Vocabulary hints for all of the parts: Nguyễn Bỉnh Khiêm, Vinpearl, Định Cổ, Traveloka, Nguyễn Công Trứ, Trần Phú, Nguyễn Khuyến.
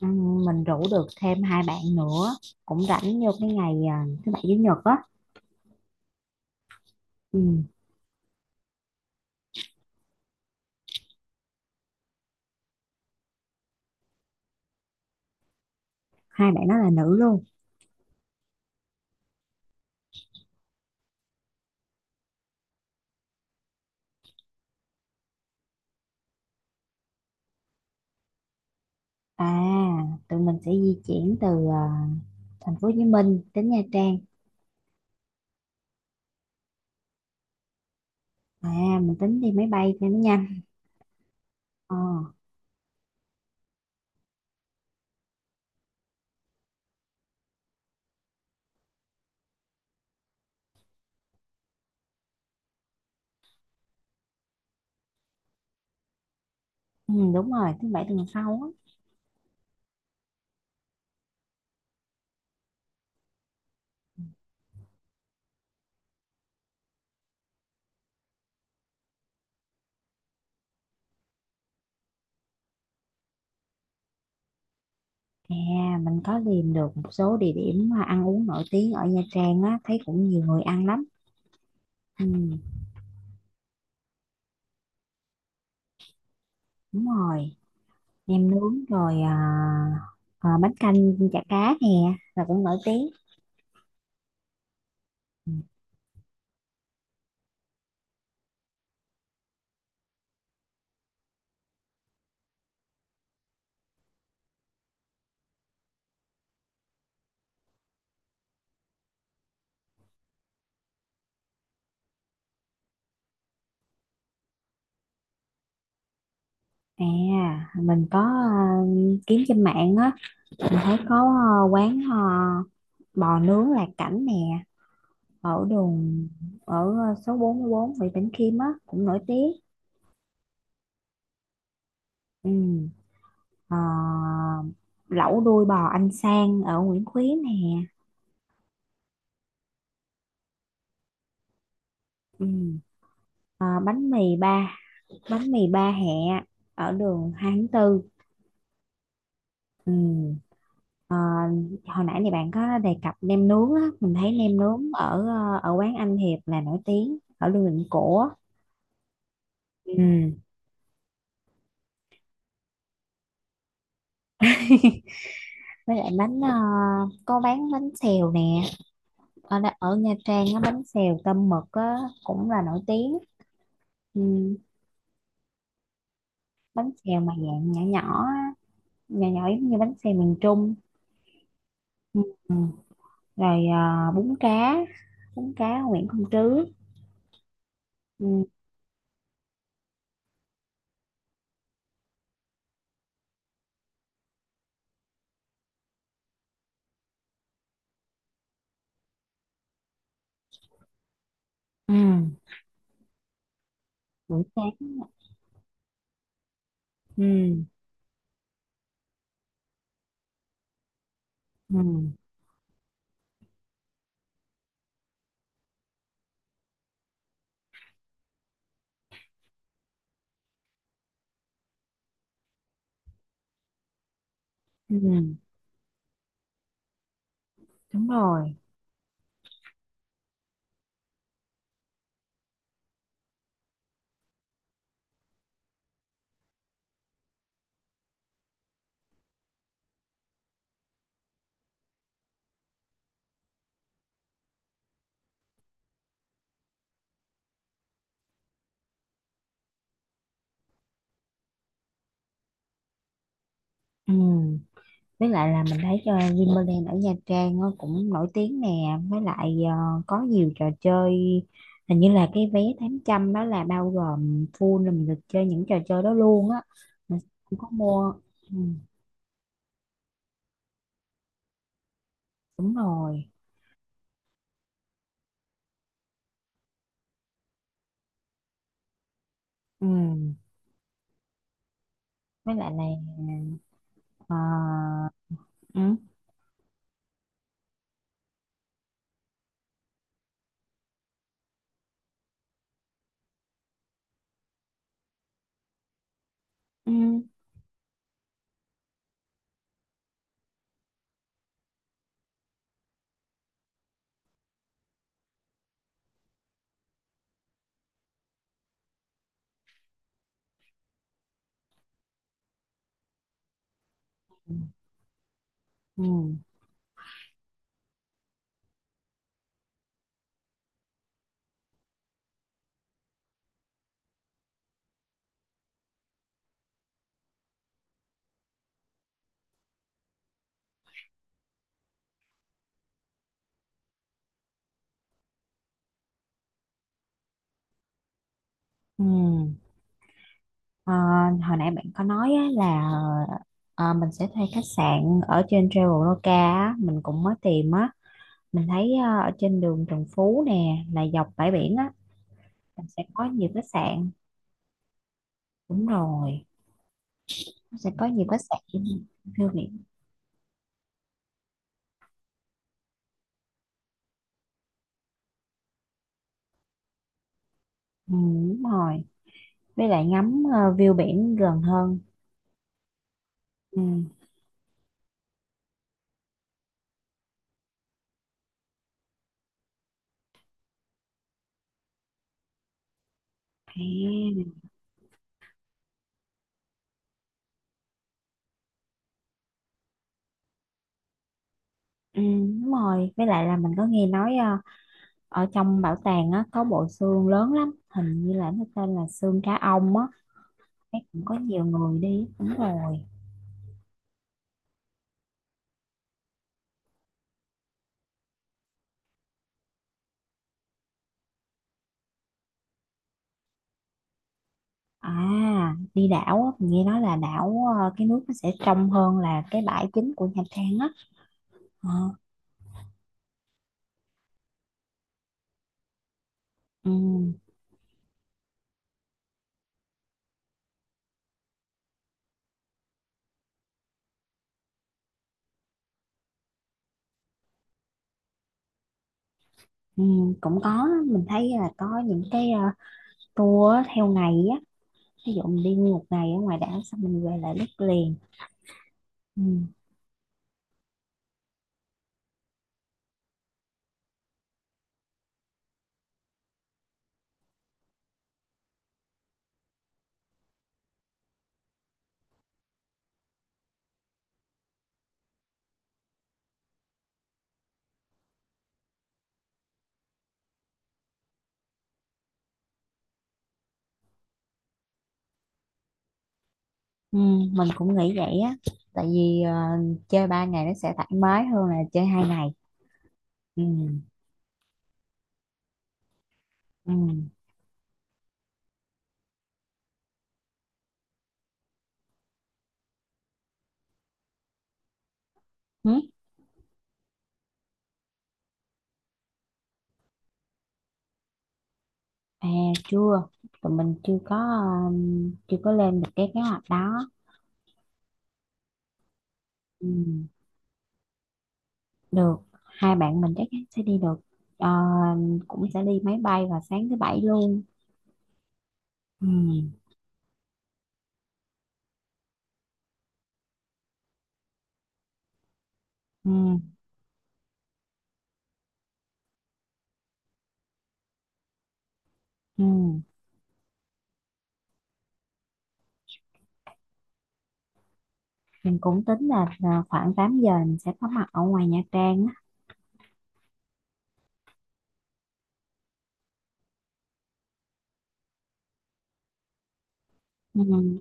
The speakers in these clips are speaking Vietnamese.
Ừ, mình rủ được thêm hai bạn nữa cũng rảnh vô cái ngày thứ bảy chủ nhật á. Ừ, hai bạn đó là nữ luôn. à Tụi mình sẽ di chuyển từ thành phố Hồ Chí Minh đến Nha Trang. Mình tính đi máy bay cho nó nhanh. Ờ. Ừ, đúng rồi thứ bảy tuần sau á. Mình có tìm được một số địa điểm mà ăn uống nổi tiếng ở Nha Trang á, thấy cũng nhiều người ăn lắm. Ừ, đúng rồi, nem nướng rồi. Bánh canh, chả cá nè là cũng nổi tiếng. Ừ. À, mình có kiếm trên mạng á, mình thấy có quán bò nướng Lạc Cảnh nè, ở đường, ở số 44 Nguyễn Bỉnh Khiêm á, cũng nổi tiếng. Ừ. ờ, Lẩu đuôi bò anh Sang ở Nguyễn Khuyến nè. Ừ. ờ, bánh mì ba, Bánh mì ba hẹ ở đường 2/4. Ừ. ờ, Hồi nãy thì bạn có đề cập nem nướng á, mình thấy nem nướng ở quán Anh Hiệp là nổi tiếng ở đường Định Cổ. Ừ. Với lại có bán bánh xèo nè ở Nha Trang á, bánh xèo tôm mực á, cũng là nổi tiếng. Ừ. Bánh xèo mà dạng nhỏ nhỏ á, nhỏ nhỏ giống như bánh xèo miền Trung. Ừ. Rồi bún cá Nguyễn Công Trứ. Ừ. Ừ. Buổi sáng. Ừ. Ừ. Ừ. Đúng rồi. Ừ. Với lại là mình thấy Vinpearl ở Nha Trang nó cũng nổi tiếng nè. Với lại có nhiều trò chơi, hình như là cái vé 800 đó là bao gồm full là mình được chơi những trò chơi đó luôn á. Mình cũng có mua. Ừ, đúng rồi. Ừ. Với lại là ờ, ừ, ừ, ừ, ừ. Ờ, hồi nãy bạn có nói á, là mình sẽ thuê khách sạn ở trên Traveloka á, mình cũng mới tìm á, mình thấy ở trên đường Trần Phú nè là dọc bãi biển á, là sẽ có nhiều khách sạn. Đúng rồi, nó sẽ có nhiều khách sạn view biển. Ừ, đúng rồi, với lại ngắm view biển gần hơn. Ừ. à, ừ, đúng rồi, với lại là mình có nghe nói ở trong bảo tàng á có bộ xương lớn lắm, hình như là nó tên là xương cá ông á. Thấy cũng có nhiều người đi, đúng rồi. Đi đảo á, mình nghe nói là đảo cái nước nó sẽ trong hơn là cái bãi chính của Nha Trang á. Ờ, ừ, ừ, cũng có đó. Mình thấy là có những cái tour á, theo ngày á, ví dụ mình đi nguyên một ngày ở ngoài đảo xong mình về lại đất liền. Ừ, ừ, mình cũng nghĩ vậy á. Tại vì chơi 3 ngày nó sẽ thoải mái hơn là chơi 2 ngày. Ừ, ừ. Ừ. À, chưa, tụi mình chưa có, chưa có lên được cái kế hoạch đó. Ừ, được, hai bạn mình chắc chắn sẽ đi được. Ờ, cũng sẽ đi máy bay vào sáng thứ bảy luôn. Ừ, ừ, ừ. Mình cũng tính là khoảng 8 giờ mình sẽ có mặt ở ngoài Nha Trang á. Ừ.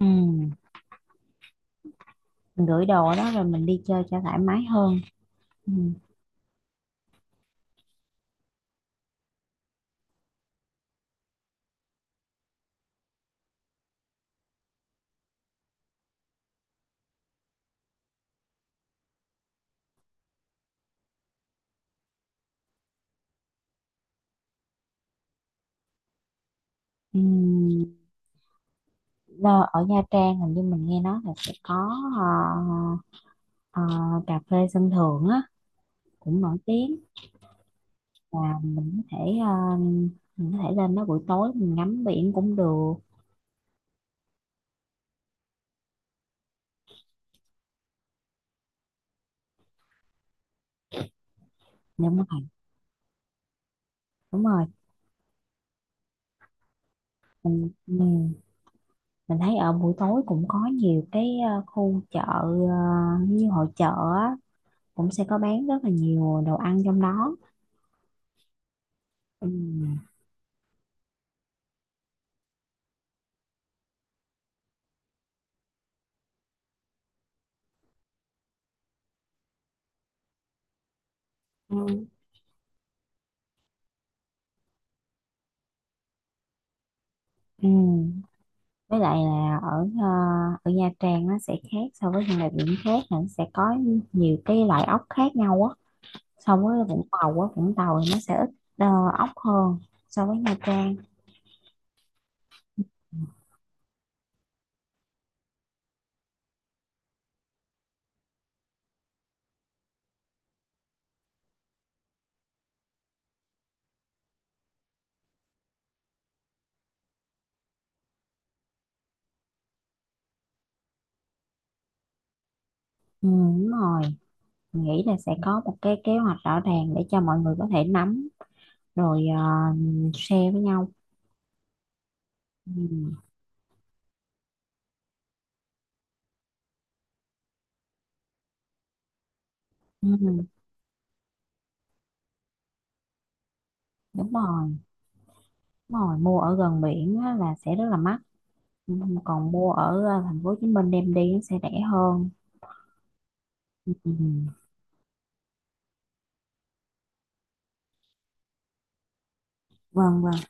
Ừ. Mình gửi đồ đó rồi mình đi chơi cho thoải mái hơn. Ừ. Ừ. Là ở Nha Trang hình như mình nghe nói là sẽ có ờ, ờ, cà phê sân thượng á, cũng nổi tiếng. Và mình có thể lên đó buổi tối mình ngắm biển cũng được. Đúng rồi, đúng rồi. Mình ừ. Mình thấy ở buổi tối cũng có nhiều cái khu chợ, như hội chợ á, cũng sẽ có bán rất là nhiều đồ ăn trong đó. Ừ. Ừ. Ừ. Với lại là ở Nha Trang nó sẽ khác so với những địa điểm khác, là nó sẽ có nhiều cái loại ốc khác nhau á, so với Vũng Tàu á. Vũng Tàu thì nó sẽ ít ờ, ốc hơn so với Nha Trang. Ừ, đúng rồi, mình nghĩ là sẽ có một cái kế hoạch rõ ràng để cho mọi người có thể nắm rồi share với nhau. Ừ. Ừ. Đúng rồi, đúng rồi, mua ở gần biển á, là sẽ rất là mắc. Ừ, còn mua ở thành phố Hồ Chí Minh đem đi nó sẽ rẻ hơn. Ừ. Vâng, vâng.